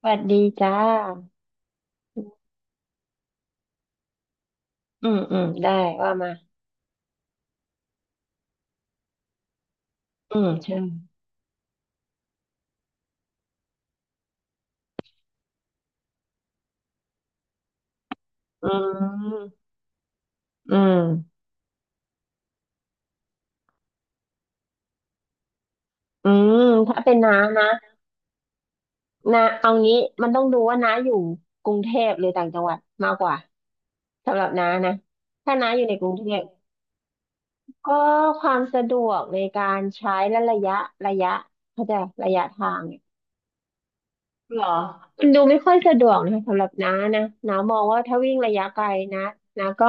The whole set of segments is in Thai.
สวัสดีจ้าอืมอืมได้ว่ามาอืมใช่อืมอืมอืมถ้าเป็นน้านะ น้าเอางี้มันต้องดูว่าน้าอยู่กรุงเทพหรือต่างจังหวัดมากกว่า สำหรับน้านะ ถ้าน้าอยู่ในกรุงเทพก็ความสะดวกในการใช้และระยะเข้าใจระยะทาง เหรอ มันดูไม่ค่อยสะดวกนะคะสำหรับน้านะ น้ามองว่าถ้าวิ่งระยะไกลนะน้าก็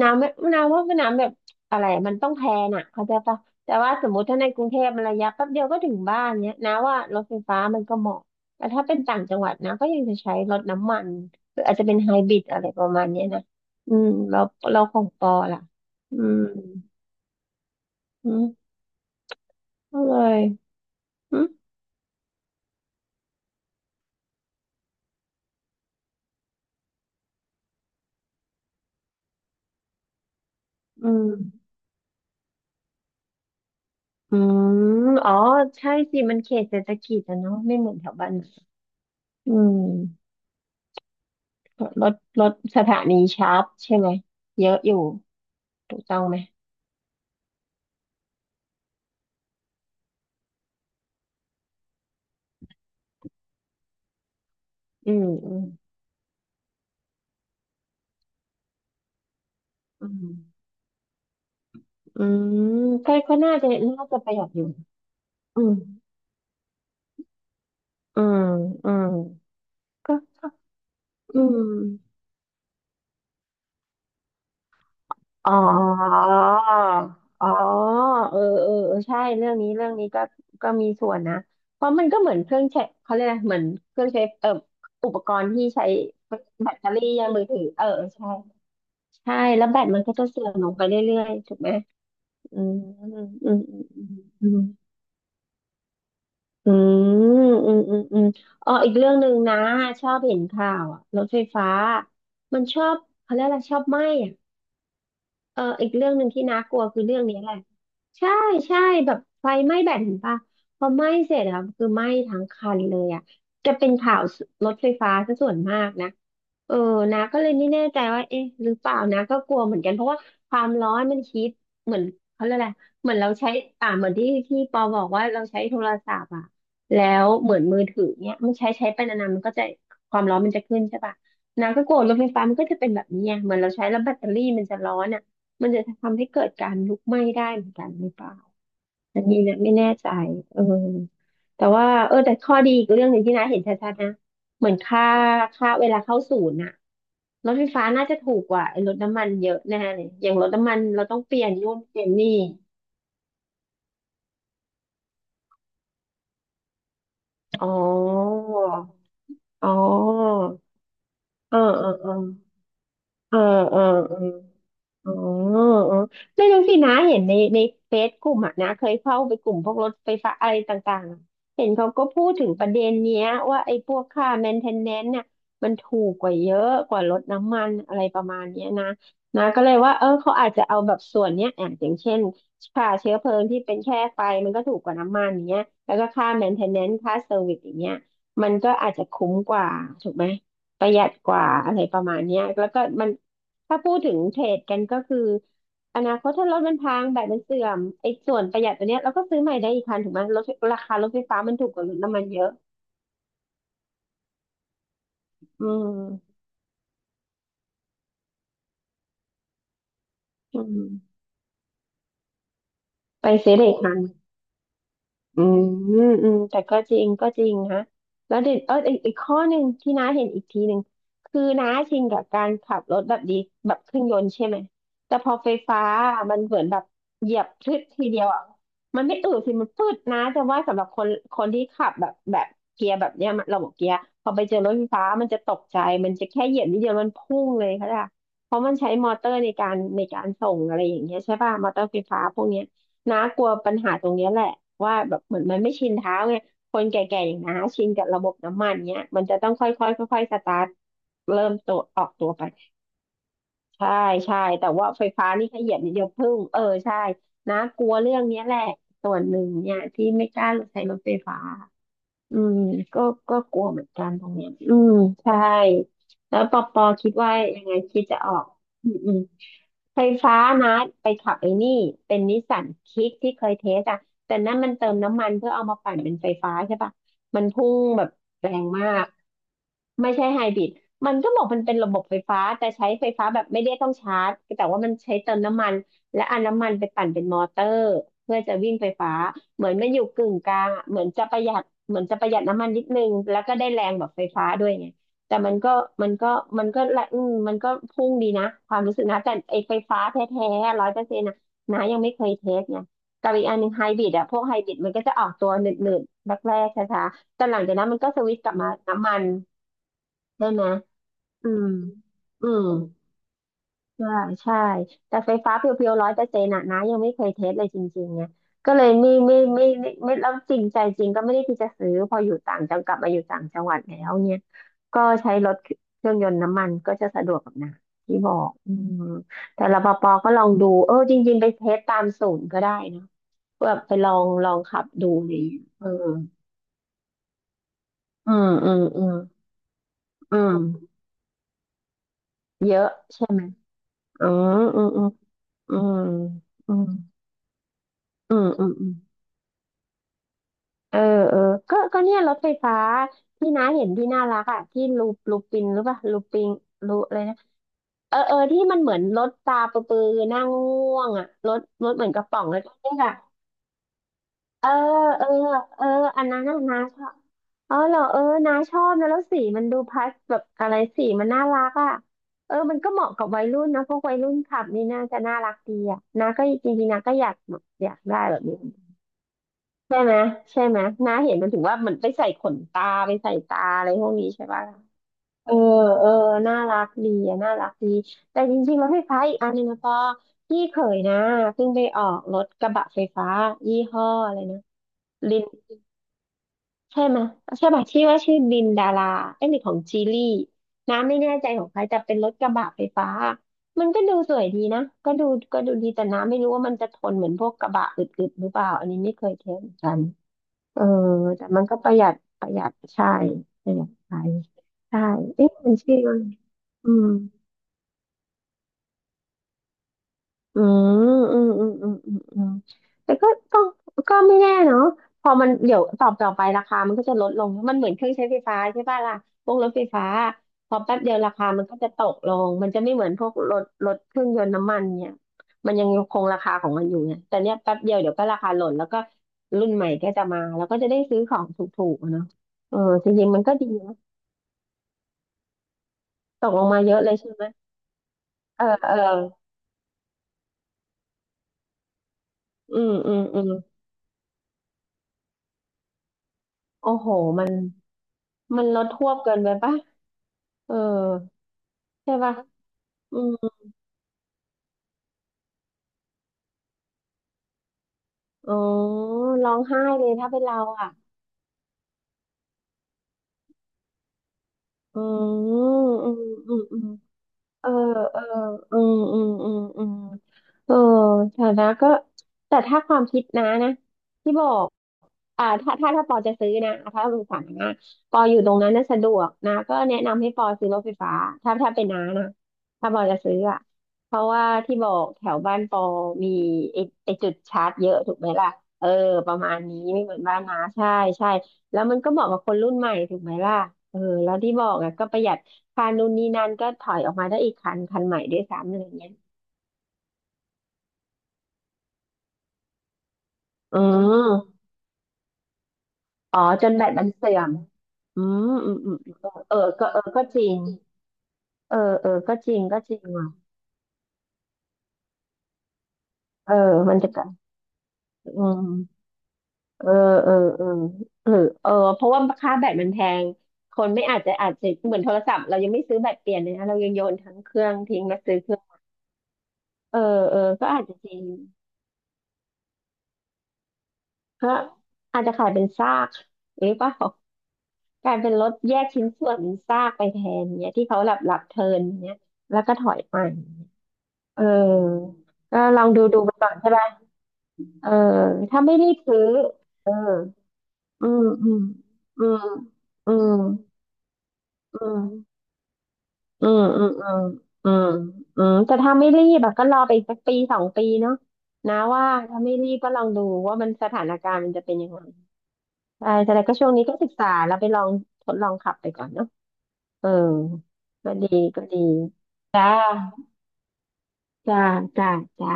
น้าไม่น้าว่าน้ำแบบอะไรอะมันต้องแพลนอะเข้าใจปะแต่ว่าสมมติถ้าในกรุงเทพมันระยะแป๊บเดียวก็ถึงบ้านเนี้ยน้าว่ารถไฟฟ้ามันก็เหมาะ แต่ถ้าเป็นต่างจังหวัดนะก็ยังจะใช้รถน้ำมันหรืออาจจะเป็นไฮบริดอะไรประมาณเนี้ยนะอืมเราของปอล่ะอืมอืมก็เลยอืมอืม อืมอ๋อ ใช่สิ มันเขตเศรษฐกิจอะเนาะไม่เหมือนแถวบ้านเราอืมรถรถสถานีชาร์จใช่ไหม เยอะอยู่ถูกต้องไหมอืมอืมอืมอืมก็น่าจะประหยัดอยู่อืมอืมอืมก็ก็อืม อ๋ออ๋อเออเออเออใช่เรื่องนี้ก็ก็มีส่วนนะเพราะมันก็เหมือนเครื่องใช้เขาเรียกอะไรเหมือนเครื่องใช้อุปกรณ์ที่ใช้แบตเตอรี่ยังมือถือเออเออใช่ใช่แล้วแบตมันก็จะเสื่อมลงไปเรื่อยๆถูกไหมอืมอืมอืมอืมอืมอืมอืมอ๋ออีกเรื่องหนึ่งนะชอบเห็นข่าวอะรถไฟฟ้ามันชอบเขาเรียกอะไรชอบไหม้ เอออีกเรื่องหนึ่งที่น่ากลัวคือเรื่องนี้แหละใช่ใช่แบบไฟไหม้แบตเห็นปะพอไหม้เสร็จอะคือไหม้ทั้งคันเลยอะจะเป็นข่าวรถไฟฟ้าซะส่วนมากนะเออนะก็เลยไม่แน่ใจว่าเอ๊ะหรือเปล่านะก็กลัวเหมือนกันเพราะว่าความร้อนมันฮิตเหมือนเขาเรียกอะไรเหมือนเราใช้อ่าเหมือนที่ปอบอกว่าเราใช้โทรศัพท์อะแล้วเหมือนมือถือเนี้ยมันใช้ไปนานๆมันก็จะความร้อนมันจะขึ้นใช่ปะนะก็กลัวรถไฟฟ้ามันก็จะเป็นแบบนี้ไงเหมือนเราใช้แล้วแบตเตอรี่มันจะร้อนอะ มันจะทำให้เกิดการลุกไหม้ได้เหมือนกันหรือเปล่าอันนี้เนะไม่แน่ใจเออแต่ว่าเออแต่ข้อดีอีกเรื่องหนึ่งที่น้าเห็นชัดๆนะ เหมือนค่าเวลาเข้าศูนย์น่ะรถไฟฟ้าน่าจะถูกกว่าไอ้รถน้ำมันเยอะแน่เลยอย่างรถน้ำมันเราต้องเปลี่ยนนู่นเปลี่ยนนี่ อ๋อ อ๋อเออเออเออ เออเออเอออ๋อเออไม่รู้สินะเห็นในเฟซกลุ่มอะนะเคยเข้าไปกลุ่มพวกรถไฟฟ้าอะไรต่างๆอะเห็นเขาก็พูดถึงประเด็นเนี้ยว่าไอ้พวกค่าแมนเทนแนนซ์เนี่ยมันถูกกว่าเยอะกว่ารถน้ำมันอะไรประมาณเนี้ยนะนะก็เลยว่าเออเขาอาจจะเอาแบบส่วนเนี้ยอย่างเช่นค่าเชื้อเพลิงที่เป็นแค่ไฟมันก็ถูกกว่าน้ำมันอย่างเงี้ยแล้วก็ค่าแมนเทนแนนซ์ค่าเซอร์วิสอย่างเงี้ยมันก็อาจจะคุ้มกว่าถูกไหมประหยัดกว่าอะไรประมาณเนี้ยแล้วก็มัน ถ้าพูดถึงเทรดกันก็คืออนาคตถ้ารถมันพังแบตมันเสื่อมไอ้ส่วนประหยัดตัวเนี้ยเราก็ซื้อใหม่ได้อีกคันถูกไหมรถราคารถไฟฟ้ามันถูกกว่ารถน้ำมันเยอะอืมอืมไปซื้อได้อีกคัน อืมอืมแต่ก็จริงนะแล้วเด็ดเอออีกข้อหนึ่งที่น้าเห็นอีกทีหนึ่งคือน้าชินกับการขับรถแบบดีแบบเครื่องยนต์ใช่ไหมแต่พอไฟฟ้ามันเหมือนแบบเหยียบพลึดทีเดียวอ่ะมันไม่อืดสิมันพืดนะแต่ว่าสำหรับคนที่ขับแบบเกียร์แบบเนี้ยมันระบบเกียร์พอไปเจอรถไฟฟ้ามันจะตกใจมันจะแค่เหยียบนิดเดียวมันพุ่งเลยค่ะเพราะมันใช้มอเตอร์ในการส่งอะไรอย่างเงี้ยใช่ป่ะมอเตอร์ไฟฟ้าพวกเนี้ย น้ากลัวปัญหาตรงเนี้ยแหละว่าแบบเหมือนมันไม่ชินเท้าไงคนแก่ๆอย่างน้าชินกับระบบน้ำมันเนี้ยมันจะต้องค่อยๆค่อยๆสตาร์ทเริ่มตัวออกตัวไปใช่ใช่แต่ว่าไฟฟ้านี่ขยีบนิดเดียวพึ่งเออใช่น้ากลัวเรื่องเนี้ยแหละส่วนหนึ่งเนี่ยที่ไม่กล้าใช้รถไฟฟ้า อืมก็ก็กลัวเหมือนกันตรงเนี้ยใช่แล้วปอปอคิดว่ายังไงคิดจะออกอืมไฟฟ้านะไปขับไอ้นี่เป็นนิสสันคิกที่เคยเทสอะแต่นั่นมันเติมน้ำมันเพื่อเอามาปั่นเป็นไฟฟ้าใช่ปะมันพุ่งแบบแรงมากไม่ใช่ไฮบริดมันก็บอกมันเป็นระบบไฟฟ้าแต่ใช้ไฟฟ้าแบบไม่ได้ต้องชาร์จแต่ว่ามันใช้เติมน้ำมัน และเอาน้ำมันไปปั่นเป็นมอเตอร์เพื่อจะวิ่งไฟฟ้าเหมือนมันอยู่กึ่งกลางอะเหมือนจะประหยัดเหมือนจะประหยัดน้ำมันนิดนึงแล้วก็ได้แรงแบบไฟฟ้าด้วยไงแต่มันก็มันก็ละมันก็พุ่งดีนะความรู้สึกนะแต่ไอไฟฟ้าแท้ๆร้อยเปอร์เซ็นต์นะนายังไม่เคยเทสไงกับอีกอันหนึ่งไฮบริดอะพวกไฮบริดมันก็จะออกตัวหนืดๆแรกๆช้าๆแต่หลังจากนั้นมันก็สวิตช์กลับมาน้ำมันใช่ไหมอืมอืม ใช่าใช่แต่ไฟฟ้าเพียวๆร้อยเปอร์เซ็นต์ะนะยังไม่เคยเทสเลยจริงๆไงก็เลยไม่แล้วจริงใจจริงก็ไม่ได้ที่จะซื้อพออยู่ต่างจังกลับมาอยู่ต่างจังหวัดแล้วเนี่ยก็ใช้รถเครื่องยนต์น้ำมันก็จะสะดวกกับนะที่บอกมแต่รปภก็ลองดูจริงๆไปเทสตามศูนย์ก็ได้นะเพื่อไปลองขับดูอะไรอย่างเงี้ยเอออืมอืมอืมอืมเยอะใช่ไหมอืมอืมอืมอืมอืม เออเออก็เนี่ยรถไฟฟ้าที่น้าเห็นที่น่ารักอ่ะที่ลูปินหรือเปล่าลูปิงลูอะไรนะเออที่มันเหมือนรถตาประปือนั่งง่วงอ่ะรถเหมือนกระป๋องแล้วก็นี่ค่ะเออเออเอออันนั้นน่ะน้าชอบอ๋อเหรอเออน้าชอบนะแล้วสีมันดูพัสแบบอะไรสีมันน่ารักอ่ะเออมันก็เหมาะกับวัยรุ่นนะพวกวัยรุ่นขับนี่น่าจะน่ารักดีอ่ะน้าก็จริงๆน้าก็อยากได้แบบนี้ ใช่ไหมใช่ไหมน้าเห็นมันถึงว่ามันไปใส่ขนตาไปใส่ตาอะไรพวกนี้ใช่ป่ะเออเออน่ารักดีอะน่ารักดีแต่จริงๆแล้วไฟฟ้าอีกอันหนึงนะปอพี่เขยนะเพิ่งไปออกรถกระบะไฟฟ้ายี่ห้ออะไรนะลินใช่ไหมยใช่ป่ะที่ว่าชื่อลินดาราเอ้ยหรือของจีลี่น้าไม่แน่ใจของใครแต่เป็นรถกระบะไฟฟ้ามันก็ดูสวยดีนะก็ดูดีแต่น้าไม่รู้ว่ามันจะทนเหมือนพวกกระบะอึดๆหรือเปล่าอันนี้ไม่เคยเทสเหมือนกัน เออแต่มันก็ประหยัดประหยัดใช่ ประหยัดไปใช่ เอ๊ะ มันชื่อว่าอืม อือืมแต่ก็ต้องก็ไม่แน่เนาะพอมันเดี๋ยวต่อไปราคามันก็จะลดลงมันเหมือนเครื่องใช้ไฟฟ้าใช่ป่ะล่ะพวกรถไฟฟ้าพอแป๊บเดียวราคามันก็จะตกลงมันจะไม่เหมือนพวกรถเครื่องยนต์น้ำมันเนี่ยมันยังคงราคาของมันอยู่ไงแต่เนี้ยแป๊บเดียวเดี๋ยวก็ราคาหล่นแล้วก็รุ่นใหม่ก็จะมาแล้วก็จะได้ซื้อของถูกๆอะเนาะเออจริงๆมันก็ดีนะตกลงมาเยอะเลยใช่ไหมเอออืมโอ้โหมันมันลดทวบเกินไปปะ เออใช่ป่ะอืมอ๋อร้องไห้เลยถ้าเป็นเราอ่ะอืมอืมอืม เออเอออืมเออฐานะก็แต่ถ้าความคิดนะที่บอกอ่าถ้าปอจะซื้อนะถ้าเป็นฐานะปออยู่ตรงนั้นน่ะสะดวกนะก็แนะนำให้ปอซื้อรถไฟฟ้าถ้าเป็นน้านะถ้าปอจะซื้ออ่ะเพราะว่าที่บอกแถวบ้านปอมีไอไอจุดชาร์จเยอะถูกไหมล่ะเออประมาณนี้ไม่เหมือนบ้านน้าใช่ แล้วมันก็เหมาะกับคนรุ่นใหม่ถูกไหมล่ะเออแล้วที่บอกอะก็ประหยัดค่านู่นนี่นั่นก็ถอยออกมาได้อีกคันคันใหม่ด้วยซ้ำอะไรเงี้ยอืมอ๋อจนแบตมันเสื่อมอือืมเออก็จริงเออเออก็จริงก็จริงว่ะเออมันจะกันอืมเออเออเออเออเออเพราะว่าค่าแบตมันแพงคนไม่อาจจะอาจจะเหมือนโทรศัพท์เรายังไม่ซื้อแบตเปลี่ยนเลยนะเรายังโยนทั้งเครื่องทิ้งมาซื้อเครื่องเออเออก็อาจจะจริง ก็อาจจะขายเป็นซากหรือเปล่ากลายเป็นรถแยกชิ้นส่วนเป็นซากไปแทนเนี่ยที่เขาหลับเทิร์นเนี่ยแล้วก็ถอยไปเออก็ลองดูไปก่อนใช่ป่ะเออถ้าไม่รีบซื้อเอออืมอืมอืมอืมอืมอืมอืมอืมอืมอืมแต่ถ้าไม่รีบอะก็รอไปอีกสักปีสองปีเนาะนะว่าถ้าไม่รีบก็ลองดูว่ามันสถานการณ์มันจะเป็นยังไง ใช่แต่ก็ช่วงนี้ก็ศึกษาแล้วไปลองทดลองขับไปก่อนเนาะเออ ก็ดี ก็ดี จ้า จ้า จ้า จ้า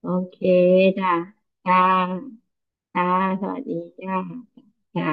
โอเค จ้า จ้า จ้า สวัสดีจ้า จ้า